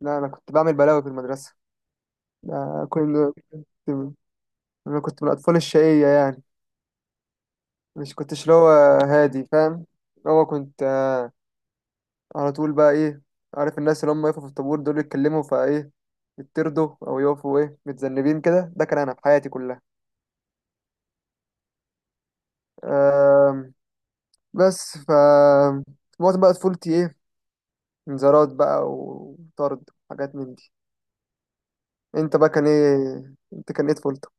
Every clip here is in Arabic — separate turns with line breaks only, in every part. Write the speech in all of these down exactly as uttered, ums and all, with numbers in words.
لا، انا كنت بعمل بلاوي في المدرسه. ده كل. كنت انا كنت من الاطفال الشقيه يعني. مش كنتش اللي هو، هادي فاهم. اللي هو كنت آه، على طول بقى ايه، عارف الناس اللي هم يقفوا في الطابور دول يتكلموا فايه، يتردوا او يقفوا ايه متذنبين كده. ده كان انا في حياتي كلها. آم، بس ف معظم بقى طفولتي ايه، انذارات بقى وطرد وحاجات من دي. انت بقى كان ايه؟ انت كان ايه طفولتك؟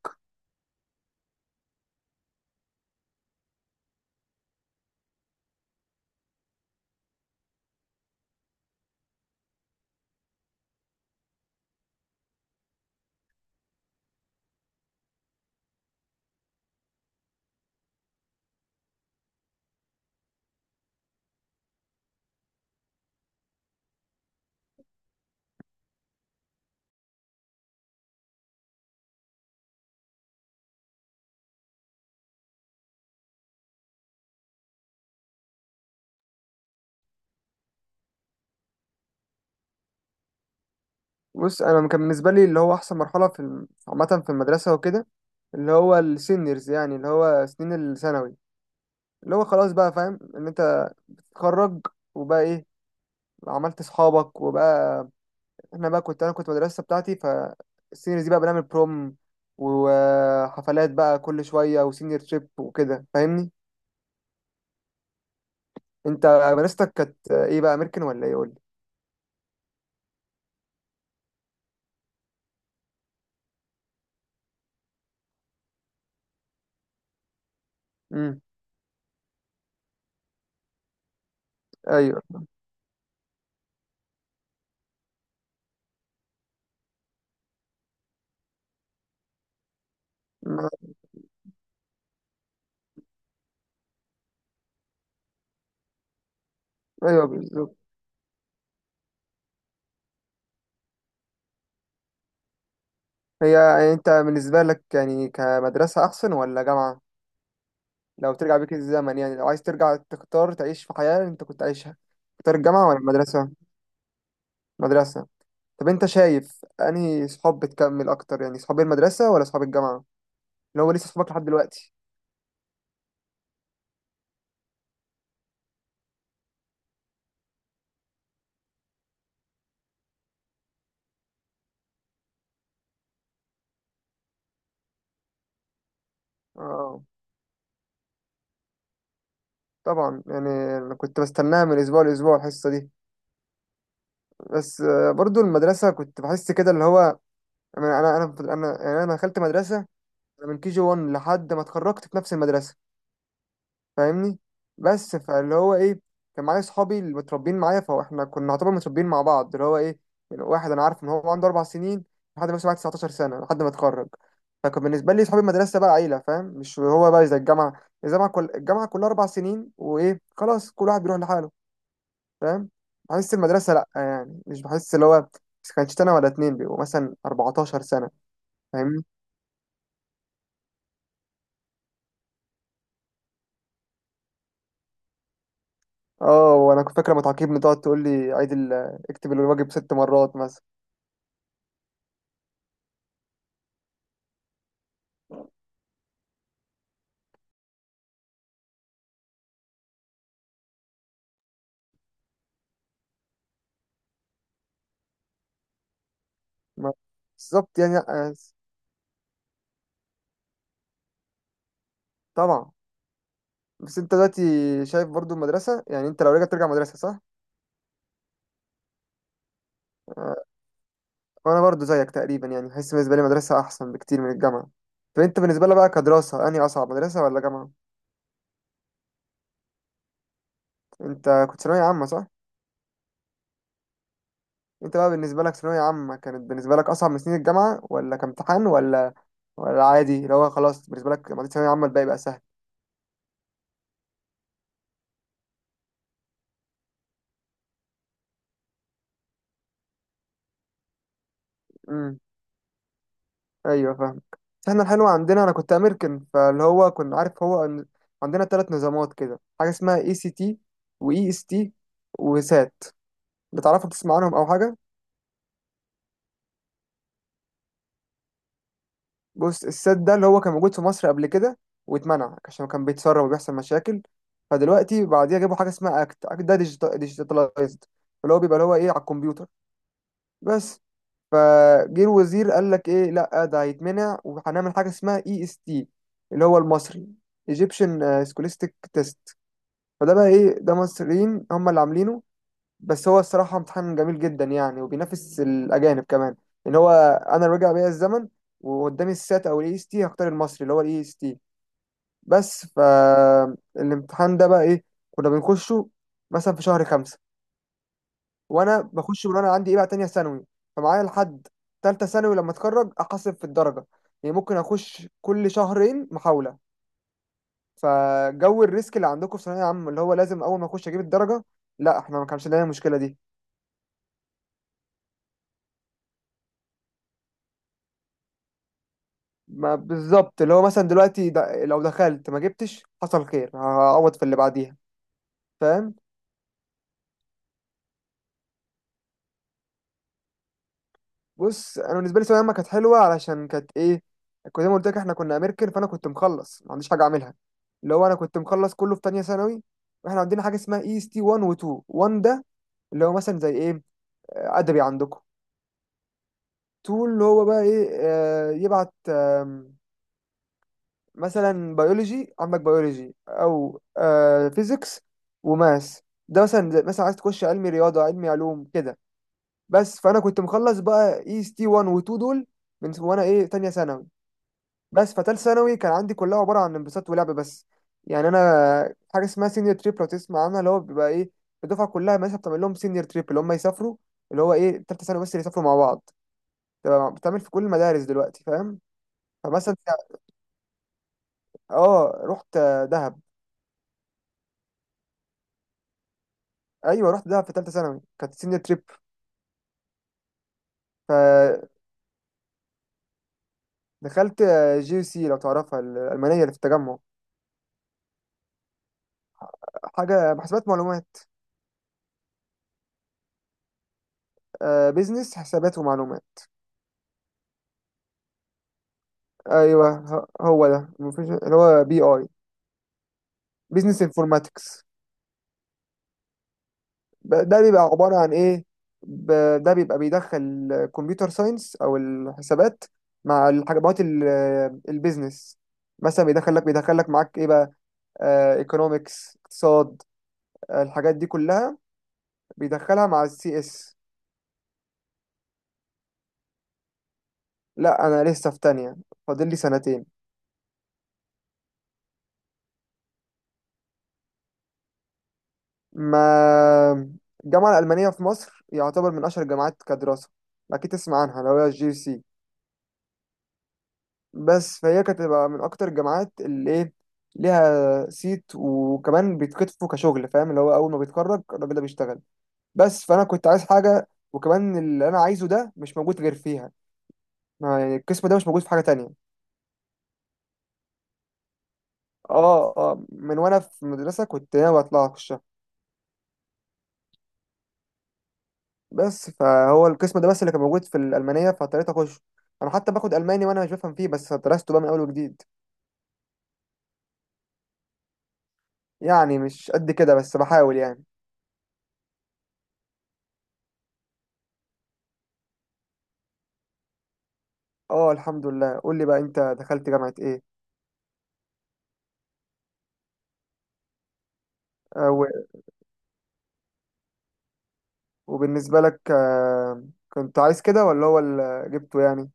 بص انا كان بالنسبه لي اللي هو احسن مرحله في الم- عامه في المدرسه وكده، اللي هو السينيورز، يعني اللي هو سنين الثانوي. اللي هو خلاص بقى فاهم ان انت تتخرج وبقى ايه، عملت اصحابك وبقى. احنا بقى كنت انا كنت مدرسه بتاعتي فالسينيورز دي بقى بنعمل بروم وحفلات بقى كل شويه وسينيور تريب وكده، فاهمني. انت مدرستك كانت ايه بقى، امريكان ولا ايه؟ قول لي. امم. ايوه. ما- ايوه بالظبط. هي يعني انت بالنسبه لك يعني كمدرسه احسن ولا جامعه؟ لو ترجع بيك الزمن، يعني لو عايز ترجع تختار تعيش في حياة انت كنت عايشها، تختار الجامعة ولا المدرسة؟ مدرسة. طب انت شايف انهي صحاب بتكمل اكتر، يعني صحاب المدرسة ولا صحاب الجامعة؟ اللي هو لسه صحابك لحد دلوقتي. اه طبعا يعني. انا كنت بستناها من اسبوع لاسبوع، الحصة دي. بس آه، برضو المدرسة كنت بحس كده اللي هو، انا انا انا انا يعني انا دخلت مدرسة. أنا من كي جي واحد لحد ما اتخرجت في نفس المدرسة، فاهمني. بس فاللي هو ايه، كان معايا صحابي اللي متربيين معايا، فاحنا كنا نعتبر متربيين مع بعض، اللي هو ايه، من واحد انا عارف ان هو عنده اربع سنين لحد ما يبقى تسعة عشر سنه، لحد ما اتخرج. فكان بالنسبه لي صحابي المدرسه بقى عيله، فاهم؟ مش هو بقى زي الجامعه. الجامعه، كل الجامعه كلها اربع سنين، وايه خلاص كل واحد بيروح لحاله، فاهم؟ بحس المدرسه لا، يعني مش بحس اللي هو. بس كانش سنه ولا اتنين، بيبقوا مثلا اربعتاشر سنه، فاهمني. اه. وانا كنت فاكره لما تعاقبني تقعد تقول لي عيد ال... اكتب الواجب ست مرات مثلا. ما- بالظبط يعني، لأ. طبعا. بس انت دلوقتي شايف برضو المدرسة، يعني انت لو رجعت ترجع مدرسة صح؟ آه، وانا برضو زيك تقريبا يعني، حاسس بالنسبة لي مدرسة احسن بكتير من الجامعة. فانت بالنسبة لك بقى كدراسة انهي اصعب، مدرسة ولا جامعة؟ انت كنت ثانوية عامة صح؟ انت بقى بالنسبة لك ثانوية عامة كانت بالنسبة لك اصعب من سنين الجامعة ولا كامتحان، ولا ولا عادي اللي هو خلاص بالنسبة لك لما عديت ثانوية عامة الباقي بقى سهل؟ ايوه فاهمك. بس احنا الحلو عندنا، انا كنت امريكان، فاللي هو كنا عارف هو إن عندنا ثلاث نظامات كده: حاجه اسمها اي سي تي، واي اس تي، وسات. بتعرفوا؟ بتسمع عنهم او حاجه؟ بص السات ده اللي هو كان موجود في مصر قبل كده واتمنع عشان كان بيتسرب وبيحصل مشاكل. فدلوقتي بعديها جابوا حاجه اسمها اكت. اكت ده ديجيتالايزد، اللي هو بيبقى اللي هو ايه، على الكمبيوتر. بس فجه الوزير قال لك ايه، لا ده هيتمنع وهنعمل حاجه اسمها اي اس تي، اللي هو المصري: Egyptian آه، Scholastic Test. فده بقى ايه، ده مصريين هم اللي عاملينه. بس هو الصراحة امتحان جميل جدا يعني، وبينافس الأجانب كمان. إن هو، أنا رجع بيا الزمن وقدامي السات أو الإي إس تي هختار المصري اللي هو الإي إس تي. بس فالامتحان ده بقى إيه، كنا بنخشه مثلا في شهر خمسة، وأنا بخش من وأنا عندي إيه بقى تانية ثانوي، فمعايا لحد تالتة ثانوي لما أتخرج أحاسب في الدرجة. يعني ممكن أخش كل شهرين محاولة. فجو الريسك اللي عندكم في ثانويه عامه، اللي هو لازم اول ما اخش اجيب الدرجه، لا احنا ما كانش لنا المشكله دي. ما بالظبط. اللي هو مثلا دلوقتي د- لو دخلت ما جبتش، حصل خير، هعوض في اللي بعديها، فاهم. بص انا بالنسبه لي ثانويه عامه كانت حلوه علشان كانت ايه، كنت زي ما قلت لك احنا كنا امريكان، فانا كنت مخلص ما عنديش حاجه اعملها. اللي هو انا كنت مخلص كله في تانية ثانوي. واحنا عندنا حاجه اسمها اي اس تي واحد و اتنين. واحد ده اللي هو مثلا زي ايه، آه، ادبي عندكم. اتنين اللي هو بقى ايه، آه، يبعت آم، مثلا بيولوجي عندك، بيولوجي او آه فيزيكس وماس، ده مثلا زي- مثلا عايز تخش علمي رياضه، علمي علوم كده. بس فانا كنت مخلص بقى اي اس تي واحد و اتنين دول من س- وانا ايه تانية ثانوي. بس فتالت ثانوي كان عندي كلها عباره عن انبساط ولعب بس. يعني انا، حاجه اسمها سينيور تريب لو تسمع عنها، اللي هو بيبقى ايه، الدفعه كلها مثلا بتعمل لهم سينيور تريب، اللي هم يسافروا اللي هو ايه تالتة ثانوي بس، اللي يسافروا مع بعض. تبقى بتعمل في كل المدارس دلوقتي، فاهم. فمثلا يعني، اه رحت دهب. ايوه رحت دهب في ثالثه ثانوي، كانت سينيور تريب. فدخلت جي سي، لو تعرفها الالمانيه اللي في التجمع. حاجه حسابات معلومات، آه، بيزنس حسابات ومعلومات. ايوه. ه- هو ده مفيش، اللي هو بي اي بيزنس انفورماتكس. ده بيبقى عباره عن ايه، ب- ده بيبقى بيدخل كمبيوتر ساينس او الحسابات مع الحاجات البيزنس. مثلا بيدخل لك بيدخل لك معاك ايه بقى، ايكونومكس، اقتصاد، آه، الحاجات دي كلها بيدخلها مع السي اس. لا انا لسه في تانية، فاضل لي سنتين. ما الجامعة الألمانية في مصر يعتبر من أشهر الجامعات كدراسة، أكيد تسمع عنها لو هي الجي سي. بس فهي كانت تبقى من أكتر الجامعات اللي إيه، ليها صيت، وكمان بيتكتفوا كشغل، فاهم اللي هو أول ما بيتخرج الراجل ده بيشتغل. بس فأنا كنت عايز حاجة، وكمان اللي أنا عايزه ده مش موجود غير فيها. ما- يعني القسم ده مش موجود في حاجة تانية. اه اه، من وأنا في مدرسة كنت ناوي أطلع. بس فهو القسم ده بس اللي كان موجود في الألمانية، فاضطريت أخش. أنا حتى باخد ألماني وأنا مش بفهم فيه، بس درسته بقى من أول وجديد. يعني مش قد كده بس بحاول يعني. اه الحمد لله. قول لي بقى أنت دخلت جامعة إيه؟ آه، و- وبالنسبة لك آه، كنت عايز كده ولا هو اللي جبته يعني؟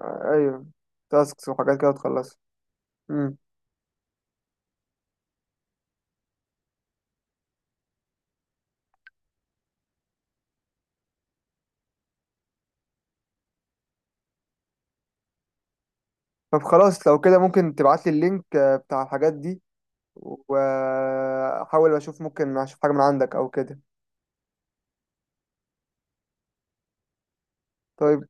آه، أيوه، تاسكس وحاجات كده تخلصها. مم. طب خلاص لو كده ممكن تبعت لي اللينك آه، بتاع الحاجات دي، وأحاول أشوف ممكن أشوف حاجة من عندك أو كده. طيب.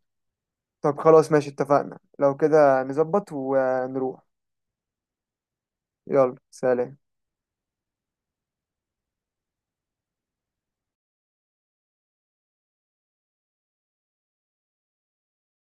طب خلاص ماشي، اتفقنا، لو كده نظبط ونروح. يلا، سلام.